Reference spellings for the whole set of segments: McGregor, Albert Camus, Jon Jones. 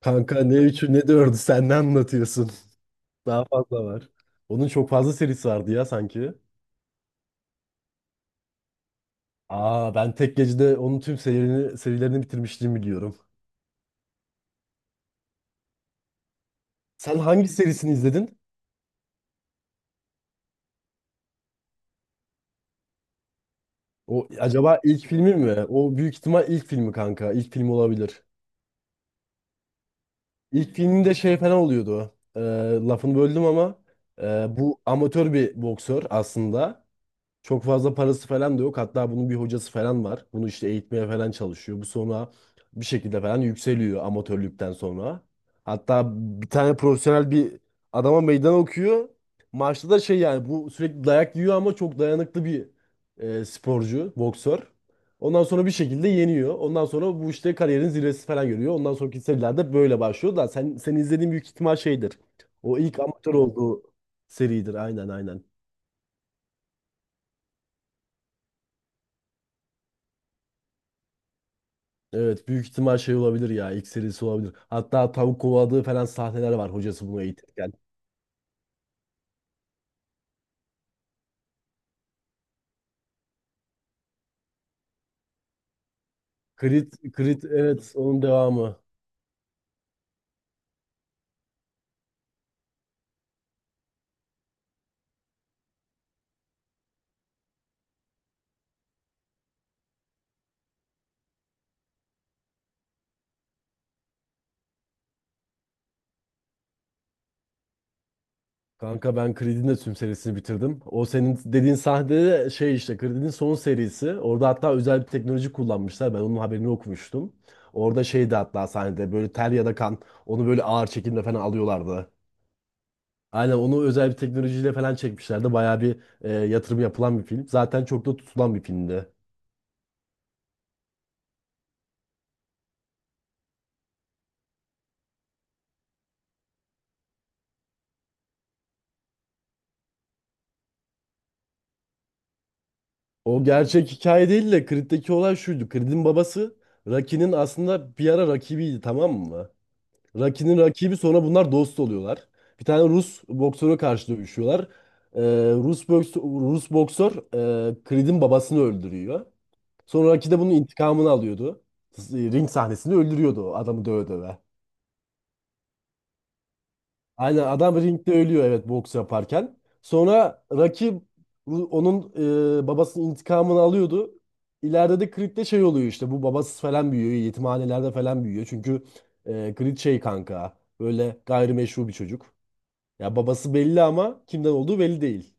Kanka ne üçü ne dördü sen ne anlatıyorsun? Daha fazla var. Onun çok fazla serisi vardı ya sanki. Aa ben tek gecede onun tüm serilerini bitirmişliğimi biliyorum. Sen hangi serisini izledin? O acaba ilk filmi mi? O büyük ihtimal ilk filmi kanka. İlk film olabilir. İlk filminde şey falan oluyordu. Lafını böldüm ama bu amatör bir boksör aslında. Çok fazla parası falan da yok. Hatta bunun bir hocası falan var. Bunu işte eğitmeye falan çalışıyor. Bu sonra bir şekilde falan yükseliyor amatörlükten sonra. Hatta bir tane profesyonel bir adama meydan okuyor. Maçta da şey yani bu sürekli dayak yiyor ama çok dayanıklı bir sporcu, boksör. Ondan sonra bir şekilde yeniyor. Ondan sonra bu işte kariyerin zirvesi falan görüyor. Ondan sonraki serilerde böyle başlıyor da sen izlediğin büyük ihtimal şeydir. O ilk amatör olduğu seridir. Aynen aynen. Evet büyük ihtimal şey olabilir ya ilk serisi olabilir. Hatta tavuk kovaladığı falan sahneler var hocası bunu eğitirken. Creed, Creed evet onun devamı. Kanka ben Creed'in de tüm serisini bitirdim. O senin dediğin sahnede de şey işte Creed'in son serisi. Orada hatta özel bir teknoloji kullanmışlar. Ben onun haberini okumuştum. Orada şeydi hatta sahnede böyle ter ya da kan onu böyle ağır çekimle falan alıyorlardı. Aynen onu özel bir teknolojiyle falan çekmişlerdi. Bayağı bir yatırım yapılan bir film. Zaten çok da tutulan bir filmdi. O gerçek hikaye değil de Creed'deki olay şuydu. Creed'in babası Rocky'nin aslında bir ara rakibiydi, tamam mı? Rocky'nin rakibi sonra bunlar dost oluyorlar. Bir tane Rus boksöre karşı dövüşüyorlar. Ee, Rus boksör Creed'in babasını öldürüyor. Sonra Rocky de bunun intikamını alıyordu. Ring sahnesinde öldürüyordu o adamı döve döve. Aynen adam ringde ölüyor, evet, boks yaparken. Sonra rakip onun babasının intikamını alıyordu. İleride de Creed'de şey oluyor işte bu babasız falan büyüyor. Yetimhanelerde falan büyüyor. Çünkü Creed şey kanka böyle gayrimeşru bir çocuk. Ya babası belli ama kimden olduğu belli değil.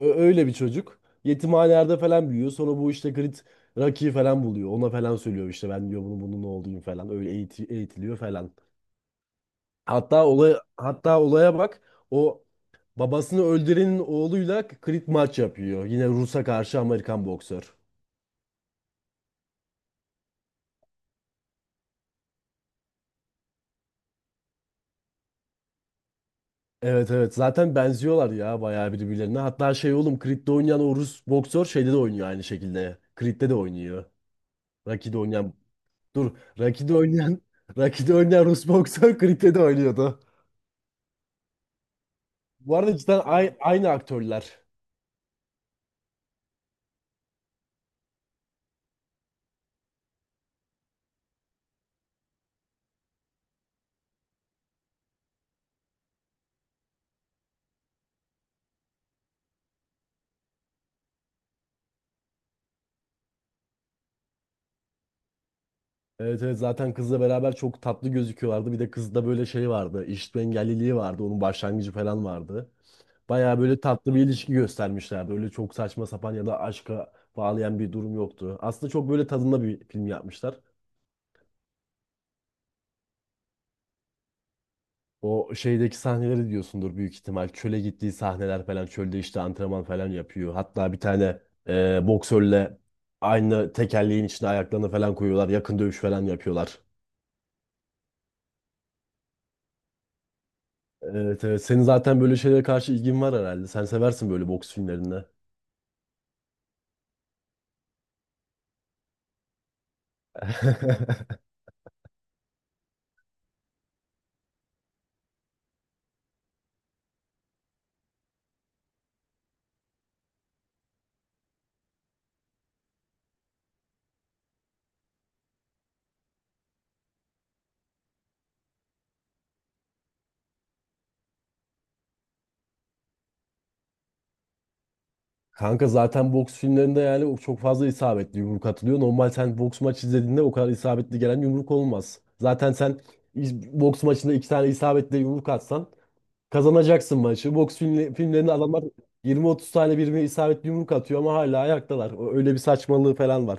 Öyle bir çocuk. Yetimhanelerde falan büyüyor. Sonra bu işte Creed Rocky'yi falan buluyor. Ona falan söylüyor işte ben diyor bunun oğluyum falan. Öyle eğitiliyor falan. Hatta olaya bak. O babasını öldürenin oğluyla krit maç yapıyor. Yine Rus'a karşı Amerikan boksör. Evet evet zaten benziyorlar ya bayağı birbirlerine. Hatta şey oğlum Creed'de oynayan o Rus boksör şeyde de oynuyor aynı şekilde. Creed'de de oynuyor. Rocky'de oynayan dur Rocky'de oynayan Rocky'de oynayan Rus boksör Creed'de de oynuyordu. Bu arada cidden aynı aktörler. Evet evet zaten kızla beraber çok tatlı gözüküyorlardı. Bir de kızda böyle şey vardı. İşitme engelliliği vardı. Onun başlangıcı falan vardı. Baya böyle tatlı bir ilişki göstermişlerdi. Öyle çok saçma sapan ya da aşka bağlayan bir durum yoktu. Aslında çok böyle tadında bir film yapmışlar. O şeydeki sahneleri diyorsundur büyük ihtimal. Çöle gittiği sahneler falan. Çölde işte antrenman falan yapıyor. Hatta bir tane boksörle aynı tekerleğin içine ayaklarını falan koyuyorlar. Yakın dövüş falan yapıyorlar. Evet evet. Senin zaten böyle şeylere karşı ilgin var herhalde. Sen seversin böyle boks filmlerinde. Kanka zaten boks filmlerinde yani o çok fazla isabetli yumruk atılıyor. Normal sen boks maç izlediğinde o kadar isabetli gelen yumruk olmaz. Zaten sen boks maçında iki tane isabetli yumruk atsan kazanacaksın maçı. Boks filmlerinde adamlar 20-30 tane birbirine isabetli yumruk atıyor ama hala ayaktalar. Öyle bir saçmalığı falan var.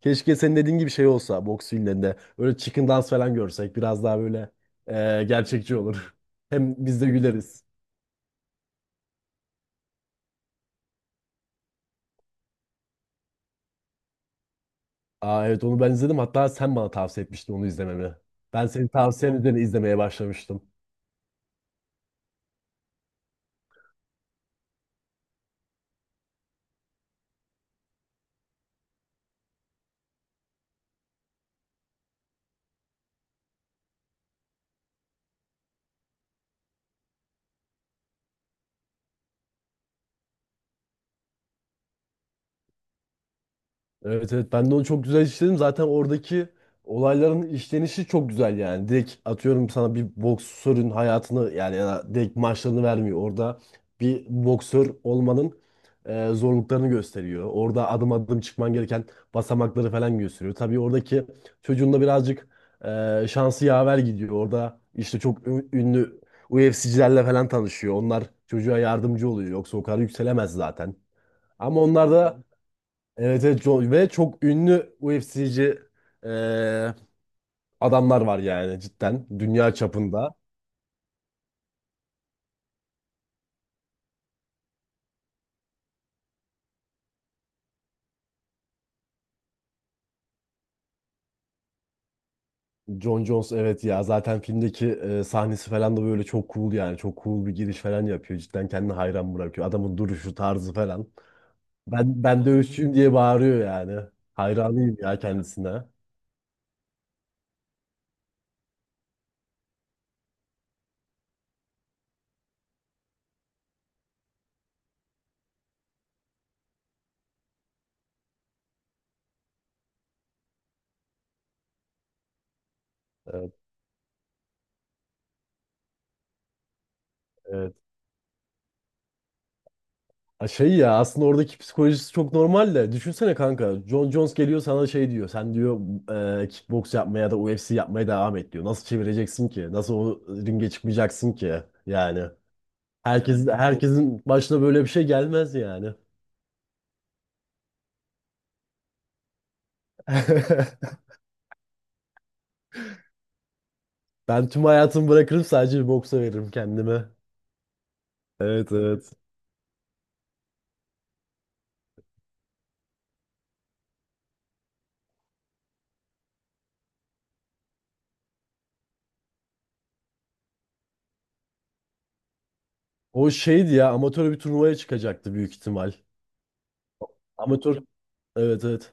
Keşke senin dediğin gibi şey olsa boks filmlerinde. Öyle chicken dance falan görsek biraz daha böyle gerçekçi olur. Hem biz de güleriz. Aa evet onu ben izledim. Hatta sen bana tavsiye etmiştin onu izlememi. Ben senin tavsiyen üzerine izlemeye başlamıştım. Evet evet ben de onu çok güzel işledim. Zaten oradaki olayların işlenişi çok güzel yani. Direkt atıyorum sana bir boksörün hayatını yani ya da direkt maçlarını vermiyor. Orada bir boksör olmanın zorluklarını gösteriyor. Orada adım adım çıkman gereken basamakları falan gösteriyor. Tabii oradaki çocuğun da birazcık şansı yaver gidiyor. Orada işte çok ünlü UFC'cilerle falan tanışıyor. Onlar çocuğa yardımcı oluyor. Yoksa o kadar yükselemez zaten. Ama onlar da Evet, evet, çok- ve çok ünlü UFC'ci eee, adamlar var yani cidden dünya çapında. Jon Jones evet ya zaten filmdeki sahnesi falan da böyle çok cool yani çok cool bir giriş falan yapıyor. Cidden kendini hayran bırakıyor. Adamın duruşu tarzı falan. Ben dövüşçüyüm diye bağırıyor yani. Hayranıyım ya kendisine. Evet, evet. Ha şey ya aslında oradaki psikolojisi çok normal de, düşünsene kanka, John Jones geliyor sana, şey diyor, sen diyor kickbox yapmaya ya da UFC yapmaya devam et diyor, nasıl çevireceksin ki, nasıl o ringe çıkmayacaksın ki yani yani herkesin başına böyle bir şey gelmez yani. Ben tüm hayatımı bırakırım, sadece bir boksa veririm kendime, evet evet. O şeydi ya, amatör bir turnuvaya çıkacaktı büyük ihtimal, amatör, evet evet.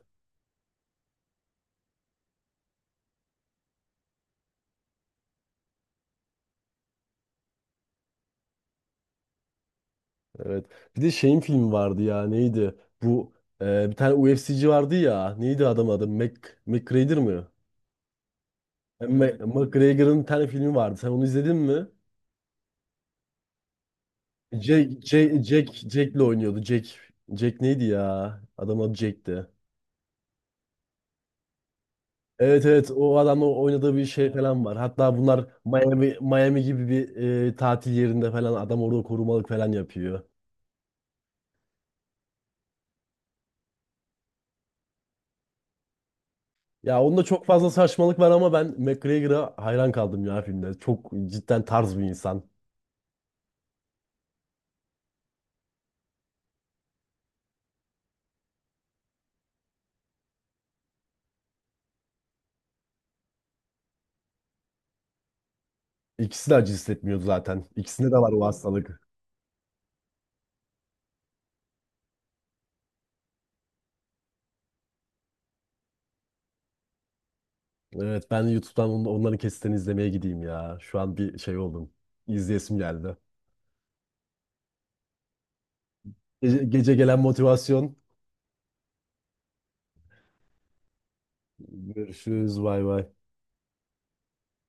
Evet. Bir de şeyin filmi vardı ya, neydi? Bu bir tane UFC'ci vardı ya. Neydi adam adı? McGregor mı? McGregor'ın bir tane filmi vardı. Sen onu izledin mi? Jack'le oynuyordu. Jack neydi ya? Adam adı Jack'ti. Evet evet o adamla oynadığı bir şey falan var. Hatta bunlar Miami gibi bir tatil yerinde falan adam orada korumalık falan yapıyor. Ya onda çok fazla saçmalık var ama ben McGregor'a hayran kaldım ya filmde. Çok cidden tarz bir insan. İkisi de acı hissetmiyor zaten. İkisinde de var o hastalık. Evet ben YouTube'dan onların kesitlerini izlemeye gideyim ya. Şu an bir şey oldum. İzleyesim geldi. Gece, gece gelen motivasyon. Görüşürüz bay bay.